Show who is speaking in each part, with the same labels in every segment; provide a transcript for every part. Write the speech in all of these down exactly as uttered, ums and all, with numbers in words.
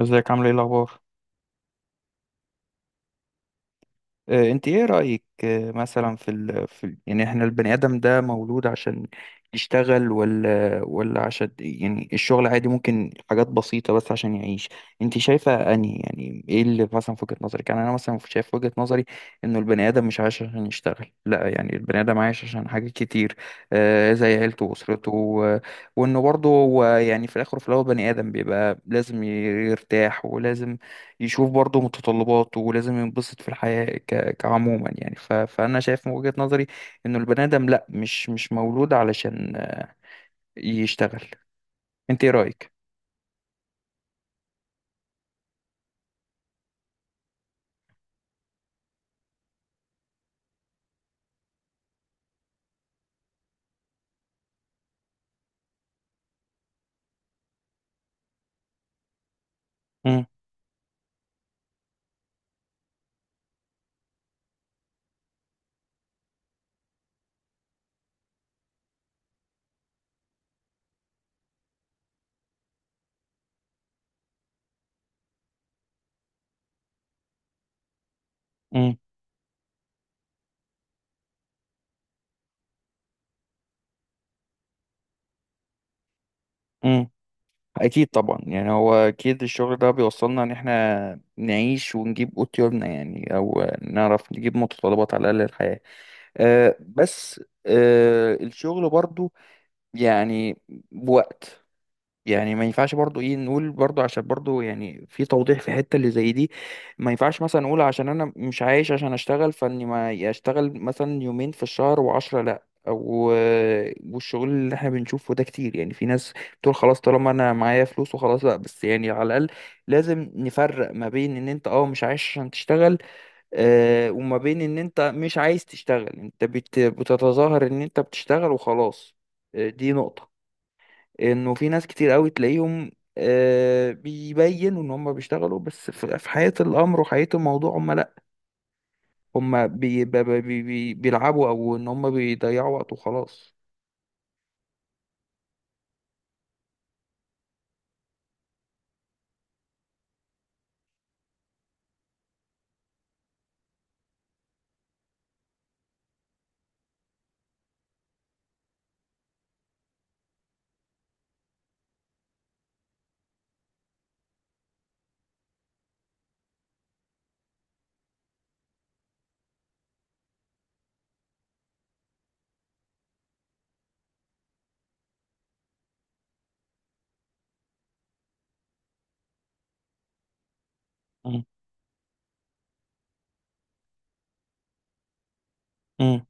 Speaker 1: ازيك، عامل ايه، الاخبار؟ آه، انت ايه رايك؟ آه، مثلا في ال... في ال... يعني احنا البني ادم ده مولود عشان يشتغل ولا ولا عشان، يعني الشغل عادي ممكن حاجات بسيطه بس عشان يعيش. انت شايفه انهي، يعني ايه اللي مثلا في وجهه نظرك؟ يعني انا مثلا شايف في وجهه نظري انه البني ادم مش عايش عشان يشتغل، لا، يعني البني ادم عايش عشان حاجات كتير، آه، زي عيلته واسرته و... وانه برضه هو، يعني في الاخر وفي الاول، بني ادم بيبقى لازم يرتاح ولازم يشوف برضه متطلباته ولازم ينبسط في الحياة ك... كعموما، يعني ف... فأنا شايف من وجهة نظري إنه البني آدم لأ، مش مش مولود علشان يشتغل. أنت إيه رأيك؟ مم. مم. مم. أكيد طبعا، يعني هو أكيد الشغل ده بيوصلنا إن إحنا نعيش ونجيب قوتيولنا، يعني أو نعرف نجيب متطلبات على الأقل الحياة. أه بس أه الشغل برضه يعني بوقت، يعني ما ينفعش برضو ايه، نقول برضو عشان برضو يعني في توضيح في حتة اللي زي دي. ما ينفعش مثلا نقول عشان انا مش عايش عشان اشتغل فاني ما اشتغل مثلا يومين في الشهر وعشرة، لا. او والشغل اللي احنا بنشوفه ده كتير، يعني في ناس بتقول خلاص طالما انا معايا فلوس وخلاص، لا بس يعني على الاقل لازم نفرق ما بين ان انت اه مش عايش عشان تشتغل، آه وما بين ان انت مش عايز تشتغل، انت بت- بتتظاهر ان انت بتشتغل وخلاص. آه، دي نقطة، انه في ناس كتير قوي تلاقيهم آه، بيبينوا ان هم بيشتغلوا، بس في في حقيقة الامر وحقيقة الموضوع هم لا، هم بي بي بي بي بيلعبوا، او ان هم بيضيعوا وقت وخلاص. مم. مم.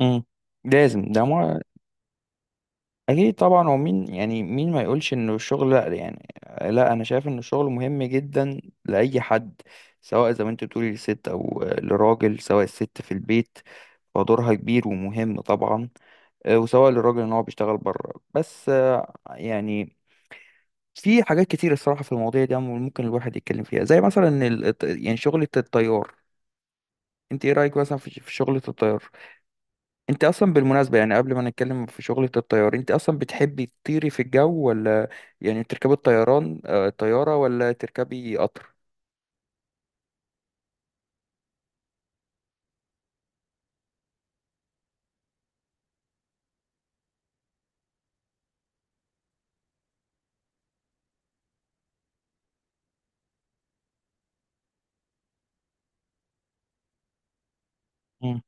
Speaker 1: مم. لازم ده مع... اكيد طبعا، هو مين يعني، مين ما يقولش انه الشغل لا، يعني لا، انا شايف ان الشغل مهم جدا لاي حد، سواء زي ما انت بتقولي، لست او لراجل. سواء الست في البيت فدورها كبير ومهم طبعا، آه، وسواء للراجل ان هو بيشتغل بره. بس آه، يعني في حاجات كتير الصراحه في المواضيع دي ممكن الواحد يتكلم فيها، زي مثلا ال... الط- يعني شغله الطيار. انت ايه رايك مثلا في في شغله الطيار؟ انت اصلا بالمناسبه، يعني قبل ما نتكلم في شغله الطيار، انت اصلا بتحبي تطيري في الجو؟ ولا يعني تركبي الطيران، آه، الطياره، ولا تركبي قطر؟ مم،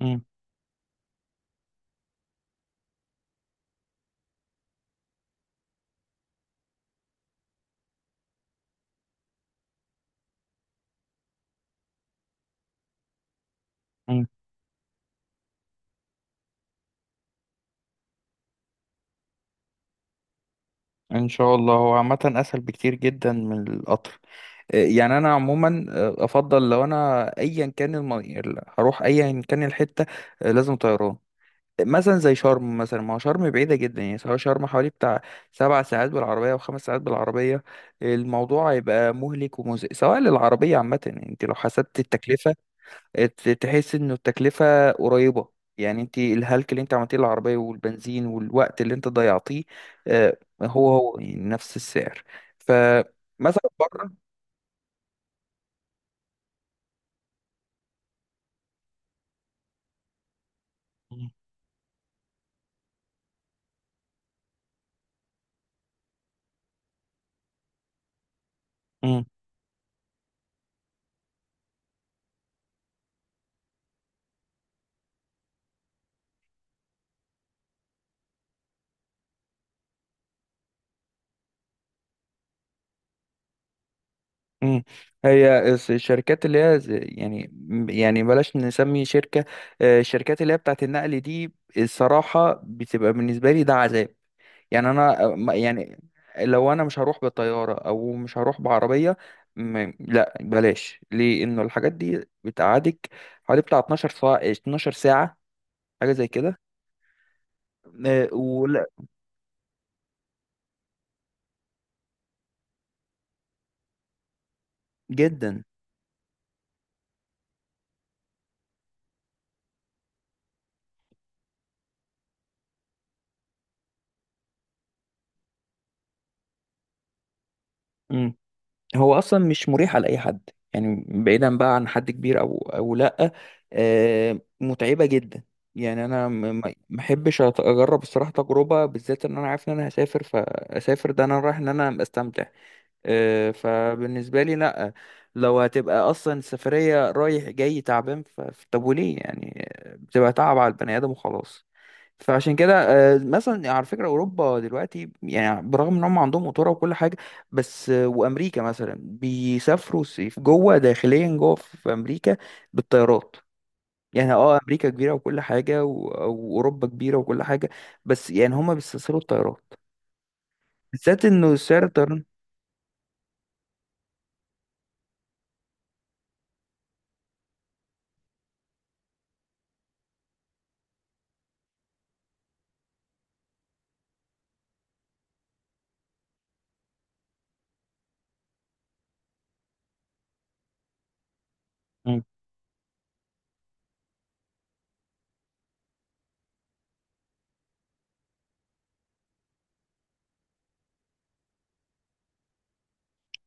Speaker 1: مم، مم. ان شاء الله. هو عامه اسهل بكتير جدا من القطر، يعني انا عموما آه، افضل لو انا، ايا كان الم... ال- هروح ايا كان الحته، آه، لازم طيران. مثلا زي شرم، مثلا ما هو شرم بعيده جدا، يعني سواء شرم حوالي بتاع سبع ساعات بالعربيه او خمس ساعات بالعربيه، الموضوع هيبقى مهلك ومزق سواء للعربيه عامه. يعني انت لو حسبت التكلفه آه، ت- تحس انه التكلفه قريبه، يعني انت الهلك اللي انت عملتيه للعربيه والبنزين والوقت اللي انت ضيعتيه، آه، هو هو يعني نفس السعر. فمثلا بره. مم. هي الس- الشركات اللي هي زي- يعني، يعني بلاش نسمي شركة، آه، الشركات اللي هي بتاعت النقل دي، الصراحة بتبقى بالنسبة لي ده عذاب، يعني أنا آه، ما- يعني لو أنا مش هروح بالطيارة أو مش هروح بعربية، م- لا بلاش. ليه إنه الحاجات دي بتقعدك حوالي بتاع اتناشر ساعة، اتناشر ساعة، حاجة زي كده، آه، ولا؟ جدا. هو اصلا مش مريحه لاي حد، يعني بعيدا بقى عن حد كبير او او لا، آه، متعبه جدا. يعني انا م- ما ما احبش أت- اجرب الصراحه تجربه، بالذات ان انا عارف ان انا هسافر، فاسافر ده انا رايح ان انا استمتع، آه، فبالنسبه لي لا، لو هتبقى اصلا السفريه رايح جاي تعبان، ف- طب وليه يعني؟ بتبقى تعب على البني ادم وخلاص. فعشان كده، آه، مثلا على فكرة أوروبا دلوقتي يعني برغم إن هم عندهم قطورة وكل حاجة، بس آه، وأمريكا مثلا بيسافروا صيف جوه، داخليا جوه في أمريكا، بالطيارات. يعني اه أمريكا كبيرة وكل حاجة و- وأوروبا كبيرة وكل حاجة، بس يعني هم بيستسهلوا الطيارات، بالذات إنه سعر الطيران.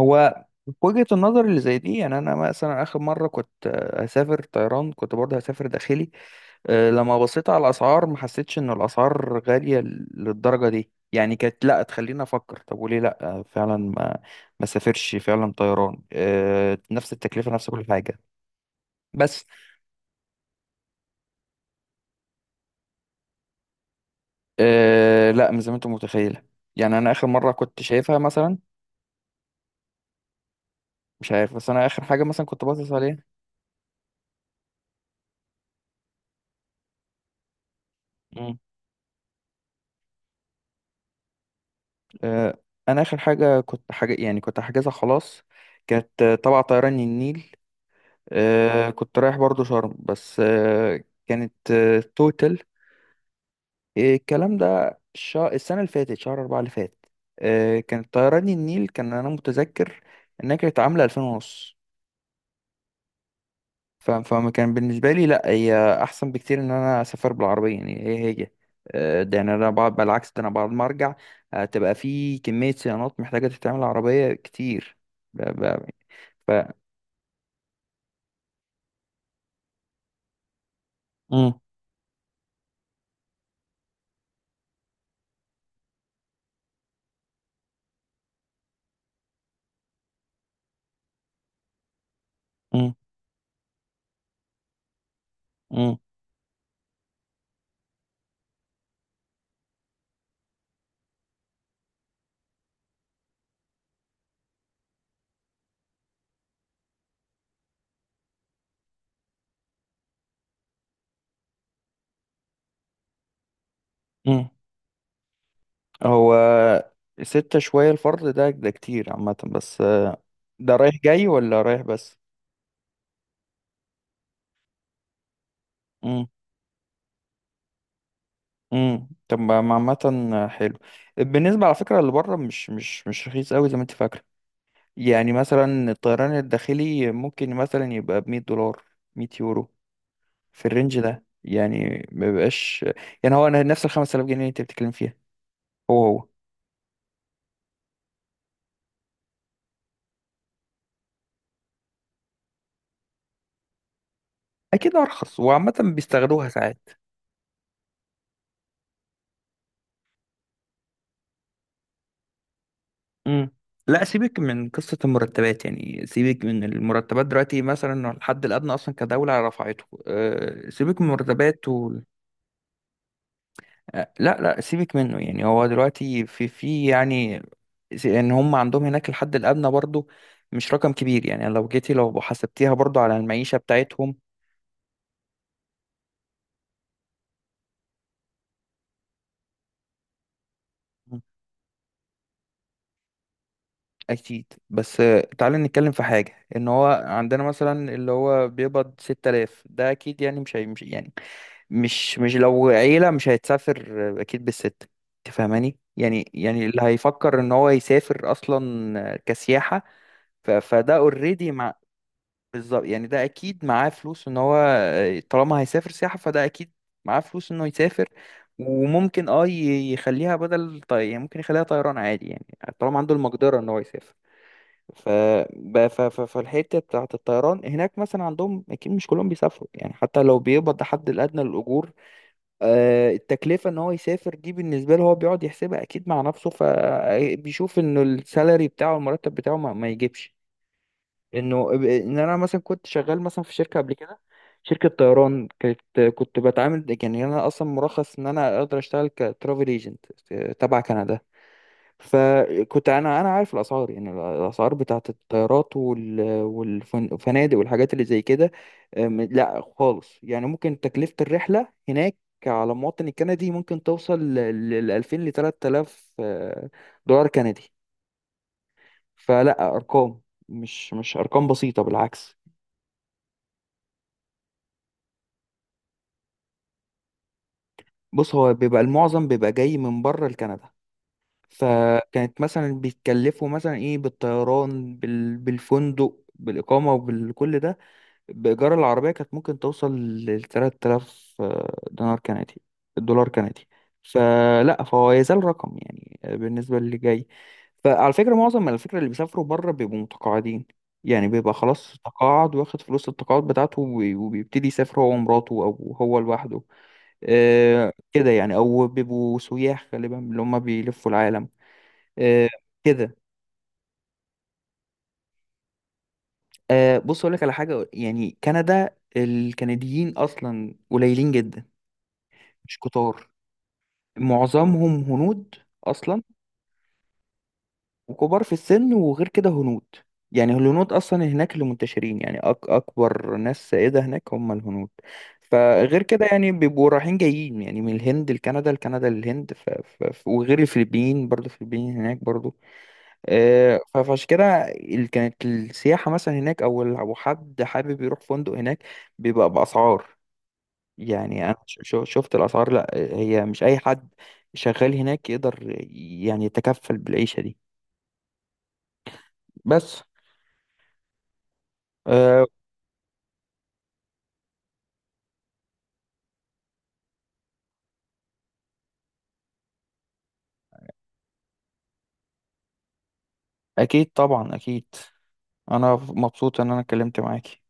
Speaker 1: هو في وجهة النظر اللي زي دي، يعني انا مثلا اخر مره كنت آه، هسافر طيران كنت برضه هسافر داخلي، آه، لما بصيت على الاسعار ما حسيتش ان الاسعار غاليه للدرجه دي، يعني كانت لا تخليني افكر طب وليه لا، آه، فعلا ما ما سافرش فعلا طيران، آه، نفس التكلفه نفس كل حاجه. بس آه، لا مش زي ما انت متخيله، يعني انا اخر مره كنت شايفها مثلا، مش عارف، بس انا اخر حاجه مثلا كنت باصص عليها، آه، انا اخر حاجه كنت حاجه يعني كنت حاجزها خلاص، كانت آه، تبع طيران النيل، آه، كنت رايح برضو شرم، بس آه، كانت آه، توتال. آه، الكلام ده الشا... السنه اللي فاتت شهر أربعة اللي فات، آه، كانت طيران النيل، كان انا متذكر انها كانت عامله 2000 ونص، ف- فما كان بالنسبة لي لا، هي أحسن بكتير إن أنا أسافر بالعربية، يعني هي هي آه، ده يعني أنا بعد، بالعكس، ده أنا بعد ما أرجع آه، تبقى في كمية صيانات محتاجة تتعمل، عربية كتير. ب- ب- ف مم، مم، مم، مم. هو ستة شوية الفرد ده ده كتير عامة، بس آه، ده رايح جاي ولا رايح بس؟ مم، مم. طب ما ما عامة حلو، بالنسبة على فكرة اللي بره مش مش مش رخيص أوي زي ما أنت فاكرة، يعني مثلا الطيران الداخلي ممكن مثلا يبقى بمية دولار، مية يورو، في الرينج ده، يعني ما بيبقاش، يعني هو أنا نفس الخمس آلاف جنيه اللي انت بتتكلم فيها. هو هو. أكيد أرخص، وعامة بيستغلوها ساعات. امم لا، سيبك من قصة المرتبات، يعني سيبك من المرتبات دلوقتي، مثلا الحد الأدنى أصلا كدولة رفعته، أه سيبك من المرتبات. آه، لا لا، سيبك منه، يعني هو دلوقتي في في يعني س- ان هم عندهم هناك الحد الادنى برضو مش رقم كبير، يعني لو جيتي لو حسبتيها برضو على المعيشه بتاعتهم. مم. اكيد، بس آه، تعالى نتكلم في حاجه، ان هو عندنا مثلا اللي هو بيقبض ستة آلاف ده، اكيد يعني مش هي، مش يعني، مش مش لو عيله مش هيتسافر. آه، اكيد بالست، انت فاهماني يعني، يعني اللي هيفكر ان هو يسافر اصلا آه، كسياحه، ف- فده اوريدي، بالظبط، يعني ده اكيد معاه فلوس، ان هو آه، طالما هيسافر سياحة فده اكيد معاه فلوس انه يسافر، وممكن اه ي- يخليها بدل طي... يعني ممكن يخليها طيران عادي يعني، طالما عنده المقدرة ان هو يسافر. ف... ب- ف... ف... فالحتة بتاعة الطيران هناك مثلا عندهم، اكيد مش كلهم بيسافروا، يعني حتى لو بيقبض الحد الادنى للاجور، آه، التكلفة ان هو يسافر دي بالنسبة له، هو بيقعد يحسبها اكيد مع نفسه، فبيشوف ان السالري بتاعه، المرتب بتاعه، ما, ما يجيبش انه اب- ان انا مثلا كنت شغال مثلا في شركه قبل كده، شركه طيران كانت، كنت بتعامل، يعني انا اصلا مرخص ان انا اقدر اشتغل كترافل ايجنت تبع كندا، فكنت انا انا عارف الاسعار، يعني الاسعار بتاعت الطيارات وال- والفنادق والحاجات اللي زي كده. أم، لا خالص، يعني ممكن تكلفه الرحله هناك على المواطن الكندي ممكن توصل ل ألفين ل تلات آلاف دولار كندي، فلا، ارقام مش مش ارقام بسيطه، بالعكس. بص، هو بيبقى المعظم بيبقى جاي من بره لكندا، فكانت مثلا بيتكلفوا مثلا ايه بالطيران، بال... بالفندق، بالإقامة، وبالكل ده، بإيجار العربية كانت ممكن توصل لتلات آلاف، دينار كندي دولار كندي، فلا، فهو يزال رقم يعني بالنسبة للي جاي، فعلى فكرة معظم على فكرة اللي بيسافروا بره بيبقوا متقاعدين، يعني بيبقى خلاص تقاعد، واخد فلوس التقاعد بتاعته، وبي- وبيبتدي يسافر هو ومراته أو هو لوحده، آه، كده يعني، او بيبقوا سياح غالبا اللي هم بيلفوا العالم. آه، كده آه، بص اقول لك على حاجه، يعني كندا الكنديين اصلا قليلين جدا، مش كتار، معظمهم هنود اصلا، وكبار في السن، وغير كده هنود، يعني الهنود اصلا هناك اللي منتشرين، يعني أك اكبر ناس سائده هناك هم الهنود، فغير كده يعني بيبقوا رايحين جايين، يعني من الهند لكندا، لكندا للهند، ف... ف... ف- وغير الفلبين برضه، الفلبين هناك برضه، آه، ف- فعشان كده ال- كانت السياحة مثلا هناك، أو لو حد حابب يروح فندق هناك بيبقى بأسعار، يعني أنا ش- ش- شفت الأسعار، لأ، هي مش أي حد شغال هناك يقدر يعني يتكفل بالعيشة دي، بس آه، أكيد طبعا، أكيد، أنا مبسوط إن أنا اتكلمت معاك.